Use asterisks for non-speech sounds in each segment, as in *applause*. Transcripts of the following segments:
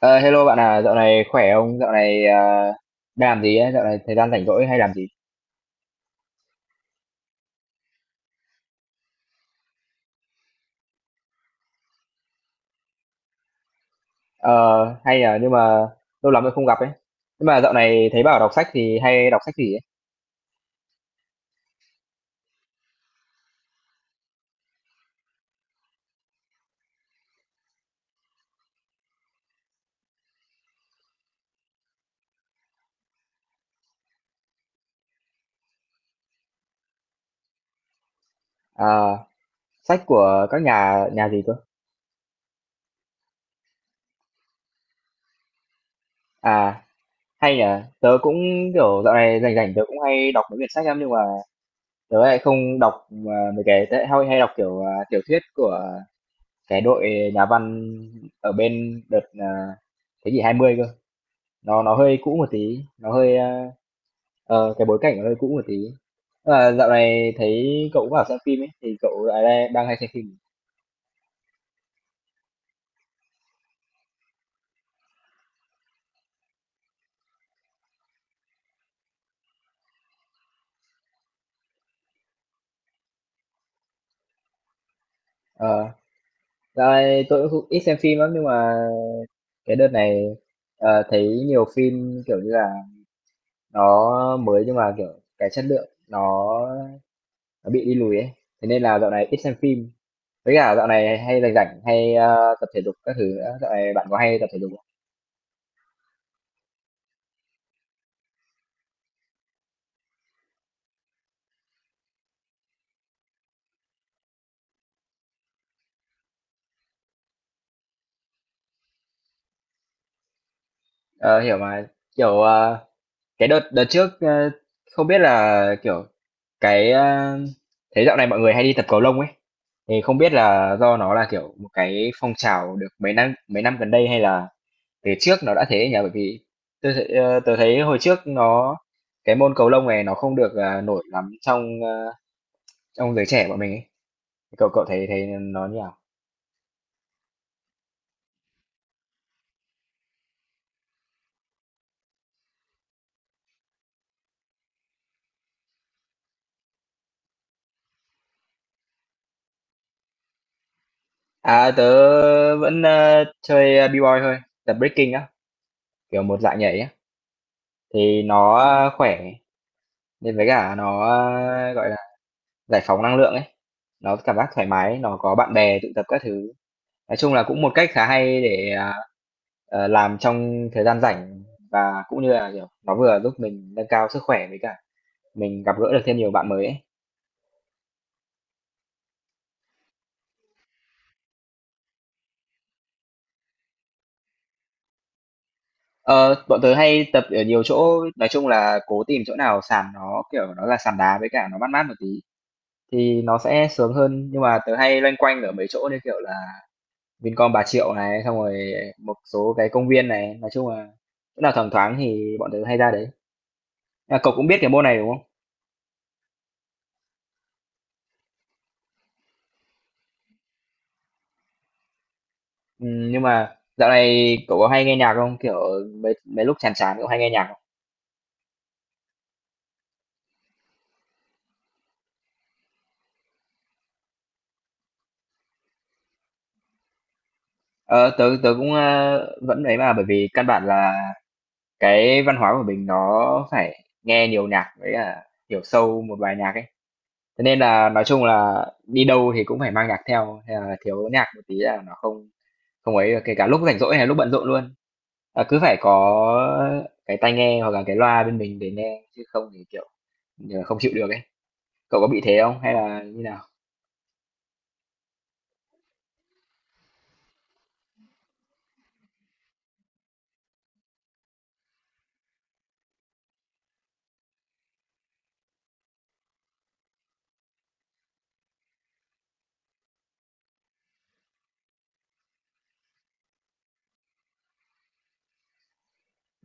Ờ, Hello bạn à, dạo này khỏe không? Dạo này đang làm gì ấy? Dạo này thời gian rảnh rỗi hay làm gì? Ờ, Hay là nhưng mà lâu lắm rồi không gặp ấy. Nhưng mà dạo này thấy bảo đọc sách thì hay đọc sách gì ấy? Ờ, Sách của các nhà nhà gì cơ? À, hay nhỉ. Tớ cũng kiểu dạo này rảnh rảnh tớ cũng hay đọc mấy quyển sách lắm nhưng mà tớ lại không đọc mấy cái tớ hay đọc kiểu tiểu thuyết của cái đội nhà văn ở bên đợt thế kỷ 20 cơ. Nó hơi cũ một tí, nó hơi cái bối cảnh nó hơi cũ một tí. À, dạo này thấy cậu cũng bảo xem phim ấy, thì cậu lại đang hay xem phim. Ờ, Dạo này tôi cũng ít xem phim lắm nhưng mà cái đợt này thấy nhiều phim kiểu như là nó mới nhưng mà kiểu cái chất lượng nó bị đi lùi ấy. Thế nên là dạo này ít xem phim. Với cả dạo này hay rảnh rảnh hay tập thể dục các thứ nữa. Dạo này bạn có hay tập thể dục không? Ờ, Hiểu mà. Kiểu cái đợt đợt trước không biết là kiểu Cái, a thấy dạo này mọi người hay đi tập cầu lông ấy, thì không biết là do nó là, kiểu, một cái phong trào được mấy năm gần đây hay là từ trước nó đã thế nhỉ? Bởi vì tớ thấy hồi trước nó cái môn cầu lông này nó không được, nổi lắm trong giới trẻ bọn mình ấy. Cậu cậu thấy thấy nó như nào? À, tớ vẫn, chơi, B-boy thôi, tập breaking á, kiểu, một dạng nhảy á, thì nó, khỏe, nên với cả nó, gọi là giải phóng năng lượng ấy, nó cảm giác thoải mái, nó có bạn bè tụ tập các thứ. Nói chung là cũng một cách khá hay để, làm trong thời gian rảnh và cũng như là, kiểu, nó vừa giúp mình nâng cao sức khỏe với cả mình gặp gỡ được thêm nhiều bạn mới ấy. Ờ, Bọn tớ hay tập ở nhiều chỗ, nói chung là cố tìm chỗ nào sàn nó, kiểu, nó là sàn đá với cả nó mát mát một tí thì nó sẽ sướng hơn, nhưng mà tớ hay loanh quanh ở mấy chỗ như, kiểu là, Vincom Bà Triệu này, xong rồi một số cái công viên này, nói chung là chỗ nào thoáng thoáng thì bọn tớ hay ra đấy. À, cậu cũng biết cái môn này đúng không? Nhưng mà dạo này cậu có hay nghe nhạc không? Kiểu mấy mấy lúc chán chán cậu hay nghe nhạc không? Ờ, tớ tớ cũng vẫn ấy mà bởi vì căn bản là cái văn hóa của mình nó phải nghe nhiều nhạc với cả hiểu sâu một bài nhạc ấy. Thế nên là nói chung là đi đâu thì cũng phải mang nhạc theo, hay là thiếu nhạc một tí là nó không không ấy được kể cả lúc rảnh rỗi hay lúc bận rộn luôn. Cứ phải có cái tai nghe hoặc là cái loa bên mình để nghe chứ không thì kiểu không chịu được ấy. Cậu có bị thế không? Hay là như nào?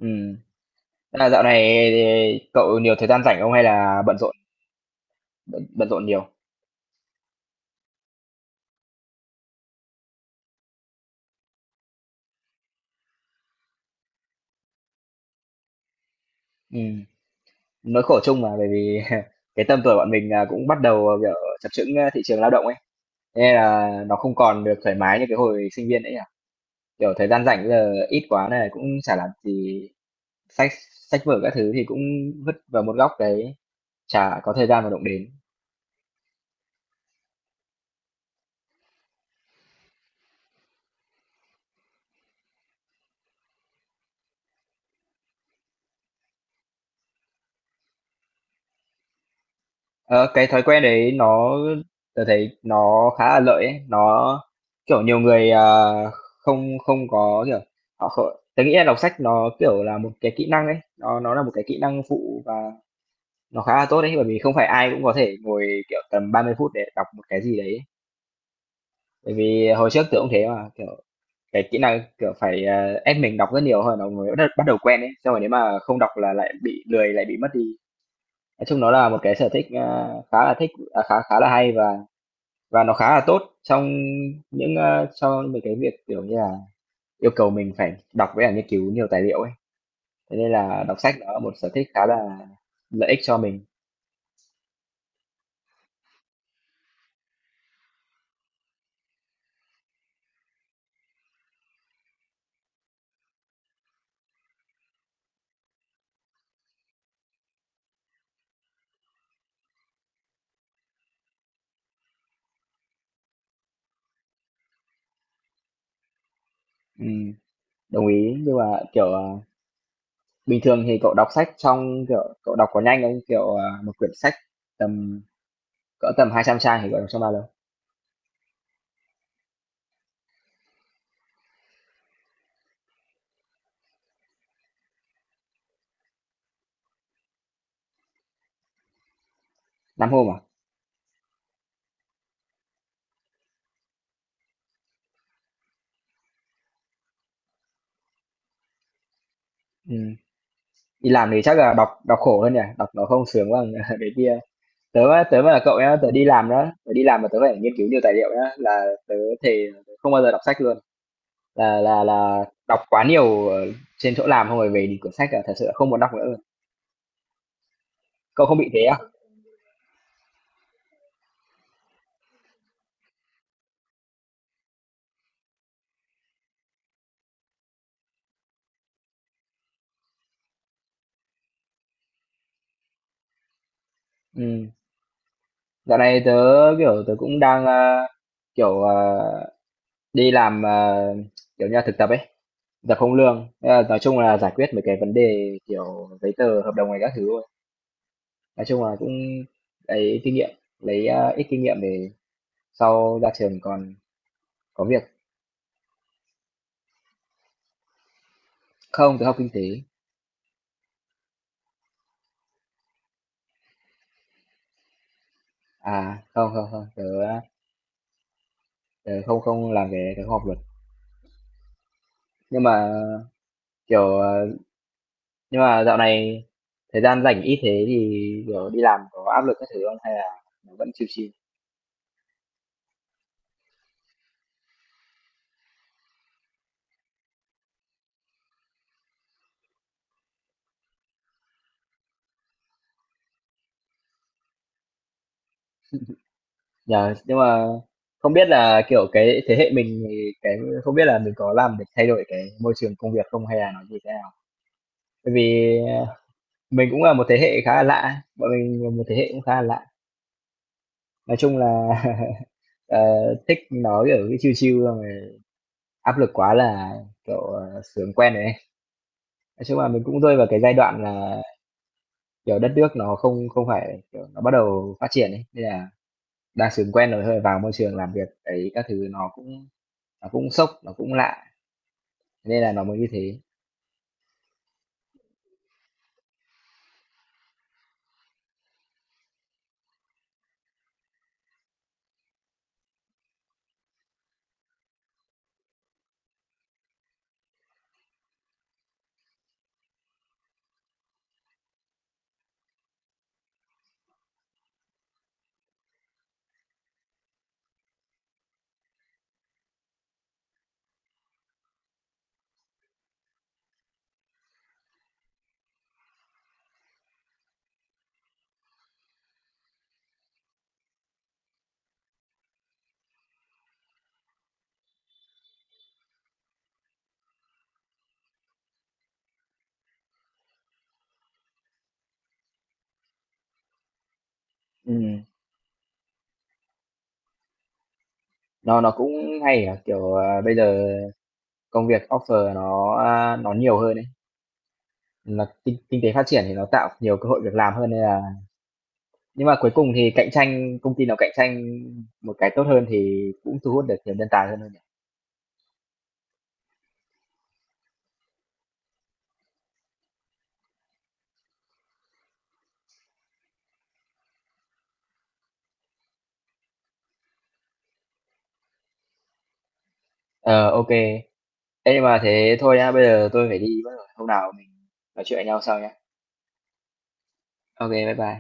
Ừm. Tức là dạo này thì cậu nhiều thời gian rảnh không hay là bận rộn nhiều? Ừm. Nỗi khổ chung mà bởi vì *laughs* cái tầm tuổi bọn mình là cũng bắt đầu, kiểu, chập chững, thị trường lao động ấy, thế nên là nó không còn được thoải mái như cái hồi sinh viên nữa nhỉ? Kiểu, thời gian rảnh bây giờ ít quá này cũng chả làm gì, sách sách vở các thứ thì cũng vứt vào một góc đấy, chả có thời gian mà động đến. Ờ, cái thói quen đấy nó tôi thấy nó khá là lợi ấy. Nó kiểu nhiều người không không có kiểu họ không, tớ nghĩ là đọc sách nó kiểu là một cái kỹ năng ấy nó là một cái kỹ năng phụ và nó khá là tốt đấy bởi vì không phải ai cũng có thể ngồi kiểu tầm 30 phút để đọc một cái gì đấy bởi vì hồi trước tôi cũng thế mà kiểu cái kỹ năng kiểu phải ép mình đọc rất nhiều hơn nó mới bắt bắt đầu quen ấy xong rồi nếu mà không đọc là lại bị lười lại bị mất đi nói chung nó là một cái sở thích khá là thích khá khá là hay và nó khá là tốt trong cho mấy cái việc, kiểu như là, yêu cầu mình phải đọc với cả nghiên cứu nhiều tài liệu ấy. Thế nên là đọc sách nó là một sở thích khá là lợi ích cho mình. Ừm, đồng ý, nhưng mà, kiểu, bình thường thì cậu đọc sách cậu đọc có nhanh không? Kiểu, một quyển sách tầm tầm 200 trang thì cậu đọc trong bao lâu? 5 hôm à? Ừm, đi làm thì chắc là đọc đọc khổ hơn nhỉ? Đọc nó không sướng bằng *laughs* cái kia. Tớ á, tớ mà là cậu nhá, tớ đi làm đó, tớ đi làm mà tớ phải nghiên cứu nhiều tài liệu nhá, là tớ thề tớ không bao giờ đọc sách luôn. Là đọc quá nhiều ở trên chỗ làm xong rồi về thì quyển sách là thật sự là không muốn đọc nữa. Cậu không bị thế à? Ừm, dạo này tớ, kiểu, tớ cũng đang, kiểu, đi làm, kiểu như là, thực tập ấy, thực tập không lương. Thế là nói chung là giải quyết mấy cái vấn đề, kiểu, giấy tờ, hợp đồng này các thứ thôi. Nói chung là cũng lấy kinh nghiệm, lấy, ít kinh nghiệm để sau ra trường còn có việc. Không, tớ học kinh tế. À, không, không, không, tớ không không làm cái tớ không học luật. Nhưng mà, kiểu, nhưng mà dạo này thời gian rảnh ít thế thì kiểu đi làm có áp lực các thứ không hay là nó vẫn chill chill? Nhờ, nhưng mà không biết là kiểu cái thế hệ mình thì cái không biết là mình có làm để thay đổi cái môi trường công việc không hay là nó như thế nào. Bởi vì ờ, mình cũng là một thế hệ khá là lạ, bọn mình là một thế hệ cũng khá là lạ. Nói chung là *laughs* ờ, thích nói ở cái chill chill xong rồi áp lực quá là kiểu sướng quen đấy. Nói chung là mình cũng rơi vào cái giai đoạn là kiểu đất nước nó không không phải kiểu nó bắt đầu phát triển ấy nên là đa số quen rồi thôi vào môi trường làm việc ấy các thứ nó cũng sốc, nó cũng lạ, nên là nó mới như thế. Ừm, nó cũng hay ở, kiểu, bây giờ công việc offer nó nhiều hơn đấy là kinh kinh tế phát triển thì nó tạo nhiều cơ hội việc làm hơn nên là nhưng mà cuối cùng thì cạnh tranh công ty nào cạnh tranh một cái tốt hơn thì cũng thu hút được nhiều nhân tài hơn thôi nhỉ? Ờ, ô Ê, nhưng mà thế thôi nhá, bây giờ tôi phải đi mất rồi, hôm nào mình nói chuyện với nhau sau nhá. Ok bye bye.